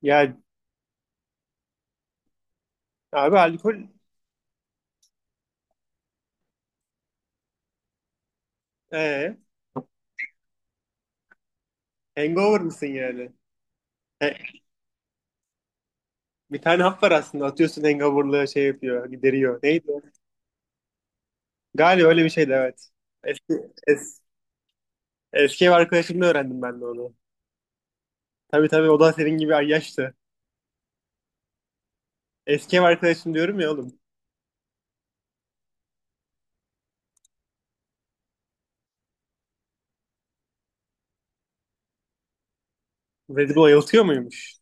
Ya abi alkol ee, hangover mısın yani? He, bir tane hap var aslında atıyorsun hangoverlığı şey yapıyor gideriyor. Neydi o? Galiba öyle bir şeydi, evet. Eski, es, Eski ev arkadaşımla öğrendim ben de onu. Tabii tabii, o da senin gibi ay yaştı. Eski ev arkadaşım diyorum ya oğlum. Red Bull ayıltıyor muymuş?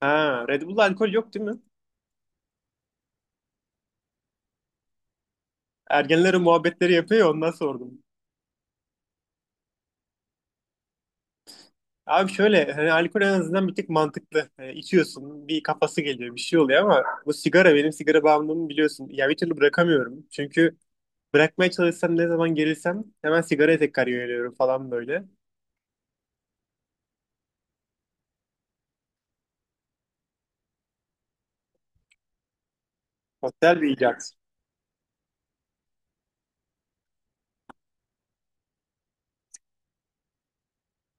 Ha, Red Bull'da alkol yok değil mi? Ergenlerin muhabbetleri yapıyor ya, ondan sordum. Abi şöyle, hani alkol en azından bir tık mantıklı. Hani içiyorsun, bir kafası geliyor, bir şey oluyor ama bu sigara, benim sigara bağımlılığımı biliyorsun. Ya bir türlü bırakamıyorum. Çünkü bırakmaya çalışsam, ne zaman gerilsem hemen sigaraya tekrar yöneliyorum falan böyle. Otel bir icat.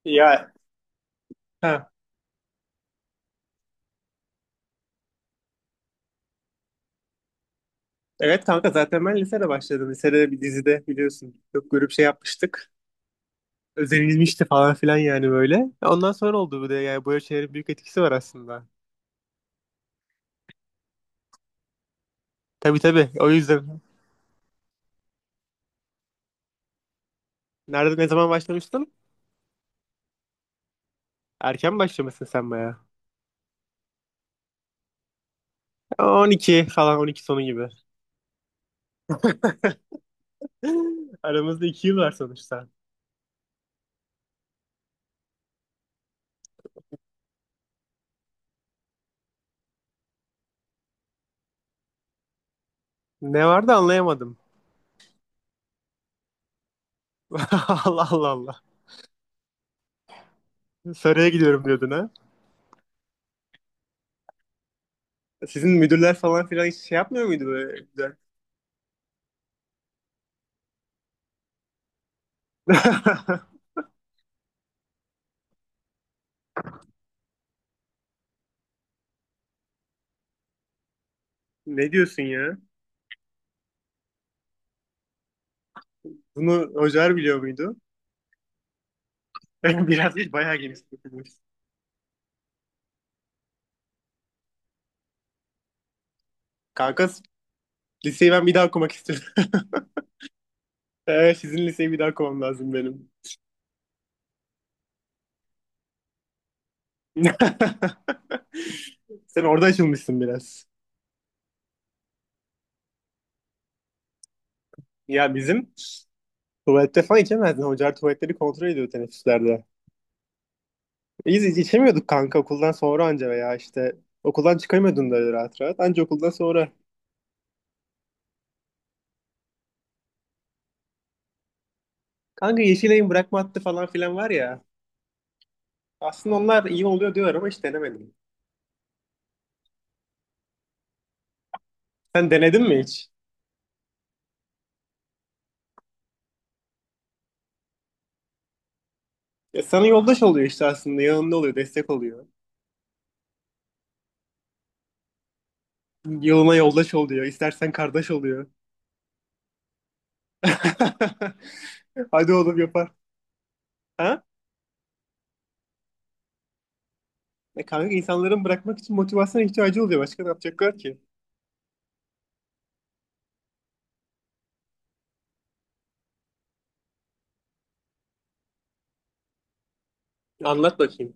Ya, ha. Evet kanka, zaten ben lisede başladım. Lisede bir dizide biliyorsun. Çok grup şey yapmıştık. Özenilmişti falan filan yani böyle. Ondan sonra oldu bu da, yani böyle şeylerin büyük etkisi var aslında. Tabii tabii, o yüzden. Nerede, ne zaman başlamıştın? Erken başlamışsın sen baya. 12 falan, 12 sonu gibi. Aramızda 2 yıl var sonuçta. Ne vardı, anlayamadım. Allah Allah Allah. Saraya gidiyorum diyordun ha. Sizin müdürler falan filan hiç şey yapmıyor muydu böyle güzel? Ne diyorsun ya? Bunu hocalar biliyor muydu? Biraz değil, bayağı geniş okumuş. Kanka, liseyi ben bir daha okumak istiyorum. Sizin liseyi bir daha okumam lazım benim. Sen orada açılmışsın biraz. Ya bizim tuvalette falan içemezdin. Hocalar tuvaletleri kontrol ediyor teneffüslerde. Biz hiç içemiyorduk kanka, okuldan sonra anca, veya işte okuldan çıkamıyordun da öyle rahat rahat. Anca okuldan sonra. Kanka, Yeşilay'ın bırakma hattı falan filan var ya. Aslında onlar iyi oluyor diyorlar ama hiç denemedim. Sen denedin mi hiç? Ya sana yoldaş oluyor işte aslında. Yanında oluyor, destek oluyor. Yoluna yoldaş oluyor. İstersen kardeş oluyor. Hadi oğlum, yapar. Ha? E kanka, insanların bırakmak için motivasyona ihtiyacı oluyor. Başka ne yapacaklar ki? Anlat bakayım.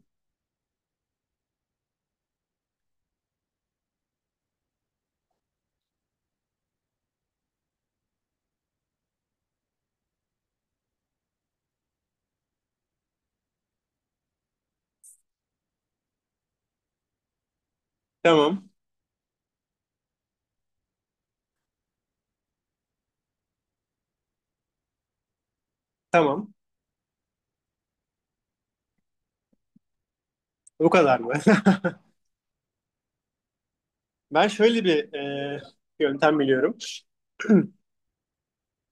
Tamam. Tamam. O kadar mı? Ben şöyle bir yöntem biliyorum.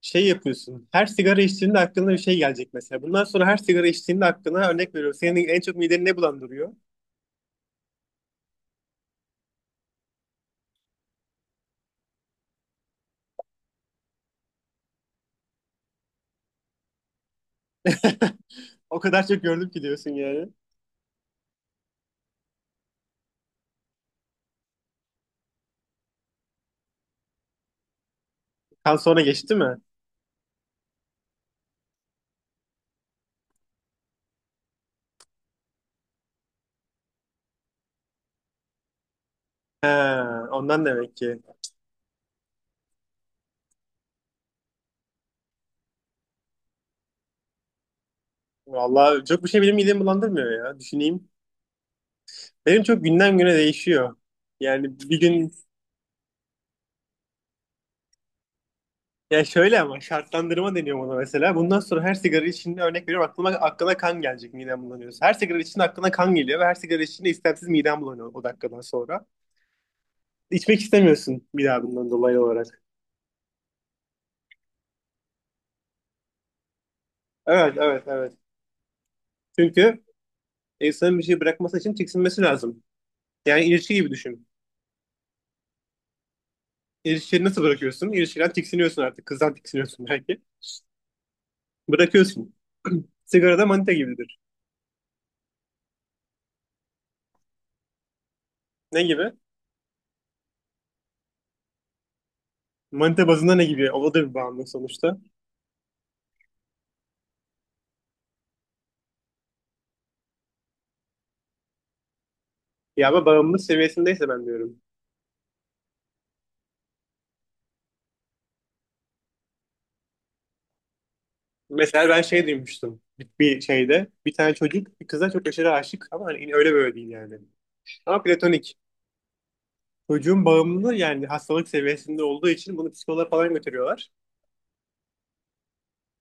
Şey yapıyorsun. Her sigara içtiğinde aklına bir şey gelecek mesela. Bundan sonra her sigara içtiğinde aklına, örnek veriyorum, senin en çok mideni ne bulandırıyor? O kadar çok gördüm ki diyorsun yani. Kan sonra geçti mi? He, ondan demek ki. Vallahi çok bir şey benim midemi bulandırmıyor ya. Düşüneyim. Benim çok günden güne değişiyor. Yani bir gün. Ya şöyle, ama şartlandırma deniyor buna mesela. Bundan sonra her sigara içinde, örnek veriyorum, aklıma aklına kan gelecek midem bulanıyorsa. Her sigara içinde aklına kan geliyor ve her sigara içinde istemsiz midem bulanıyor o dakikadan sonra. İçmek istemiyorsun bir daha bundan dolayı olarak. Evet evet evet. Çünkü insanın bir şey bırakması için tiksinmesi lazım. Yani ilişki gibi düşün. İlişkiyi nasıl bırakıyorsun? İlişkiden tiksiniyorsun artık. Kızdan tiksiniyorsun belki. Bırakıyorsun. Sigara da manita gibidir. Ne gibi? Manita bazında ne gibi? O da bir bağımlılık sonuçta. Ya ama bağımlılık seviyesindeyse ben diyorum. Mesela ben şey duymuştum bir şeyde. Bir tane çocuk bir kıza çok aşırı aşık ama hani öyle böyle değil yani. Ama platonik. Çocuğun bağımlılığı yani hastalık seviyesinde olduğu için bunu psikoloğa falan götürüyorlar.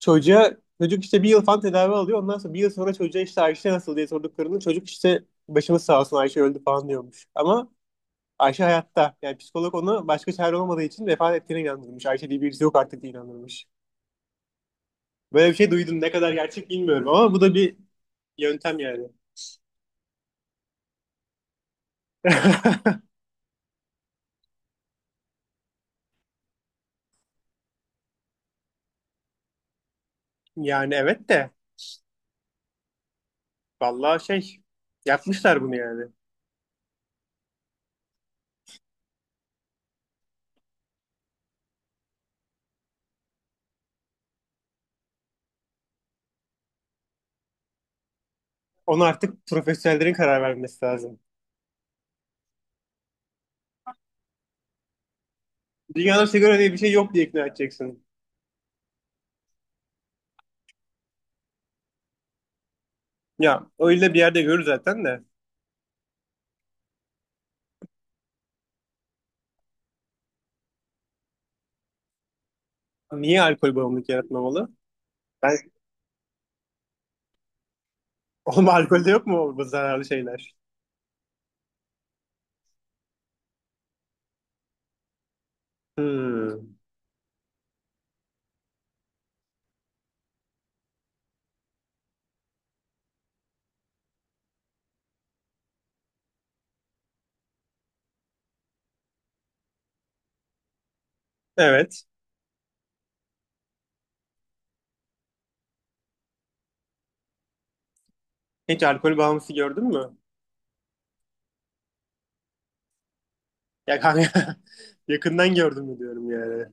Çocuğa, çocuk işte 1 yıl falan tedavi alıyor. Ondan sonra 1 yıl sonra çocuğa işte Ayşe nasıl diye sorduklarında çocuk işte başımız sağ olsun, Ayşe öldü falan diyormuş. Ama Ayşe hayatta. Yani psikolog onu, başka çare olmadığı için, vefat ettiğine inandırmış. Ayşe diye birisi yok artık diye inandırmış. Böyle bir şey duydum. Ne kadar gerçek bilmiyorum ama bu da bir yöntem yani. Yani evet de, vallahi şey yapmışlar bunu yani. Onu artık profesyonellerin karar vermesi lazım. Dünyada sigara diye bir şey yok diye ikna edeceksin. Ya öyle bir yerde görür zaten de. Niye alkol bağımlılık yaratmamalı? Ben oğlum alkolde yok mu bu zararlı şeyler? Hmm. Evet. Hiç alkol bağımlısı gördün mü? Ya kanka yakından gördün mü diyorum yani.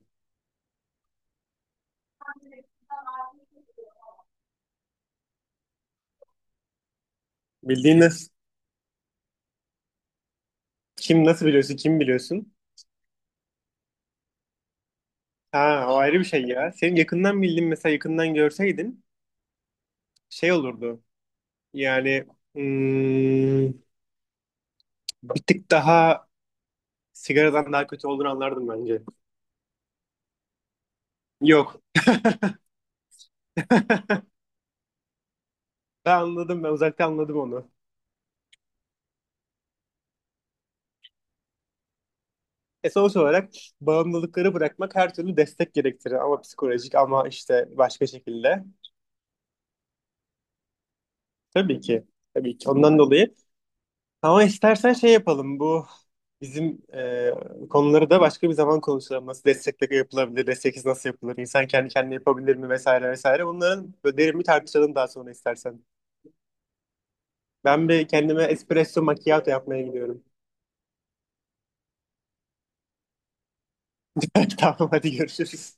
Bildiğin nasıl, kim nasıl biliyorsun, kim biliyorsun? Ha, o ayrı bir şey ya. Senin yakından bildiğin mesela, yakından görseydin şey olurdu. Yani, hmm, bir tık daha sigaradan daha kötü olduğunu anlardım bence. Yok. Ben anladım. Ben uzaktan anladım onu. E sonuç olarak bağımlılıkları bırakmak her türlü destek gerektirir. Ama psikolojik, ama işte başka şekilde. Tabii ki. Tabii ki. Ondan dolayı. Ama istersen şey yapalım. Bu bizim konuları da başka bir zaman konuşalım. Nasıl destekle yapılabilir? Desteksiz nasıl yapılır? İnsan kendi kendine yapabilir mi? Vesaire vesaire. Bunların böyle derin bir tartışalım daha sonra istersen. Ben bir kendime espresso macchiato yapmaya gidiyorum. Tamam hadi görüşürüz.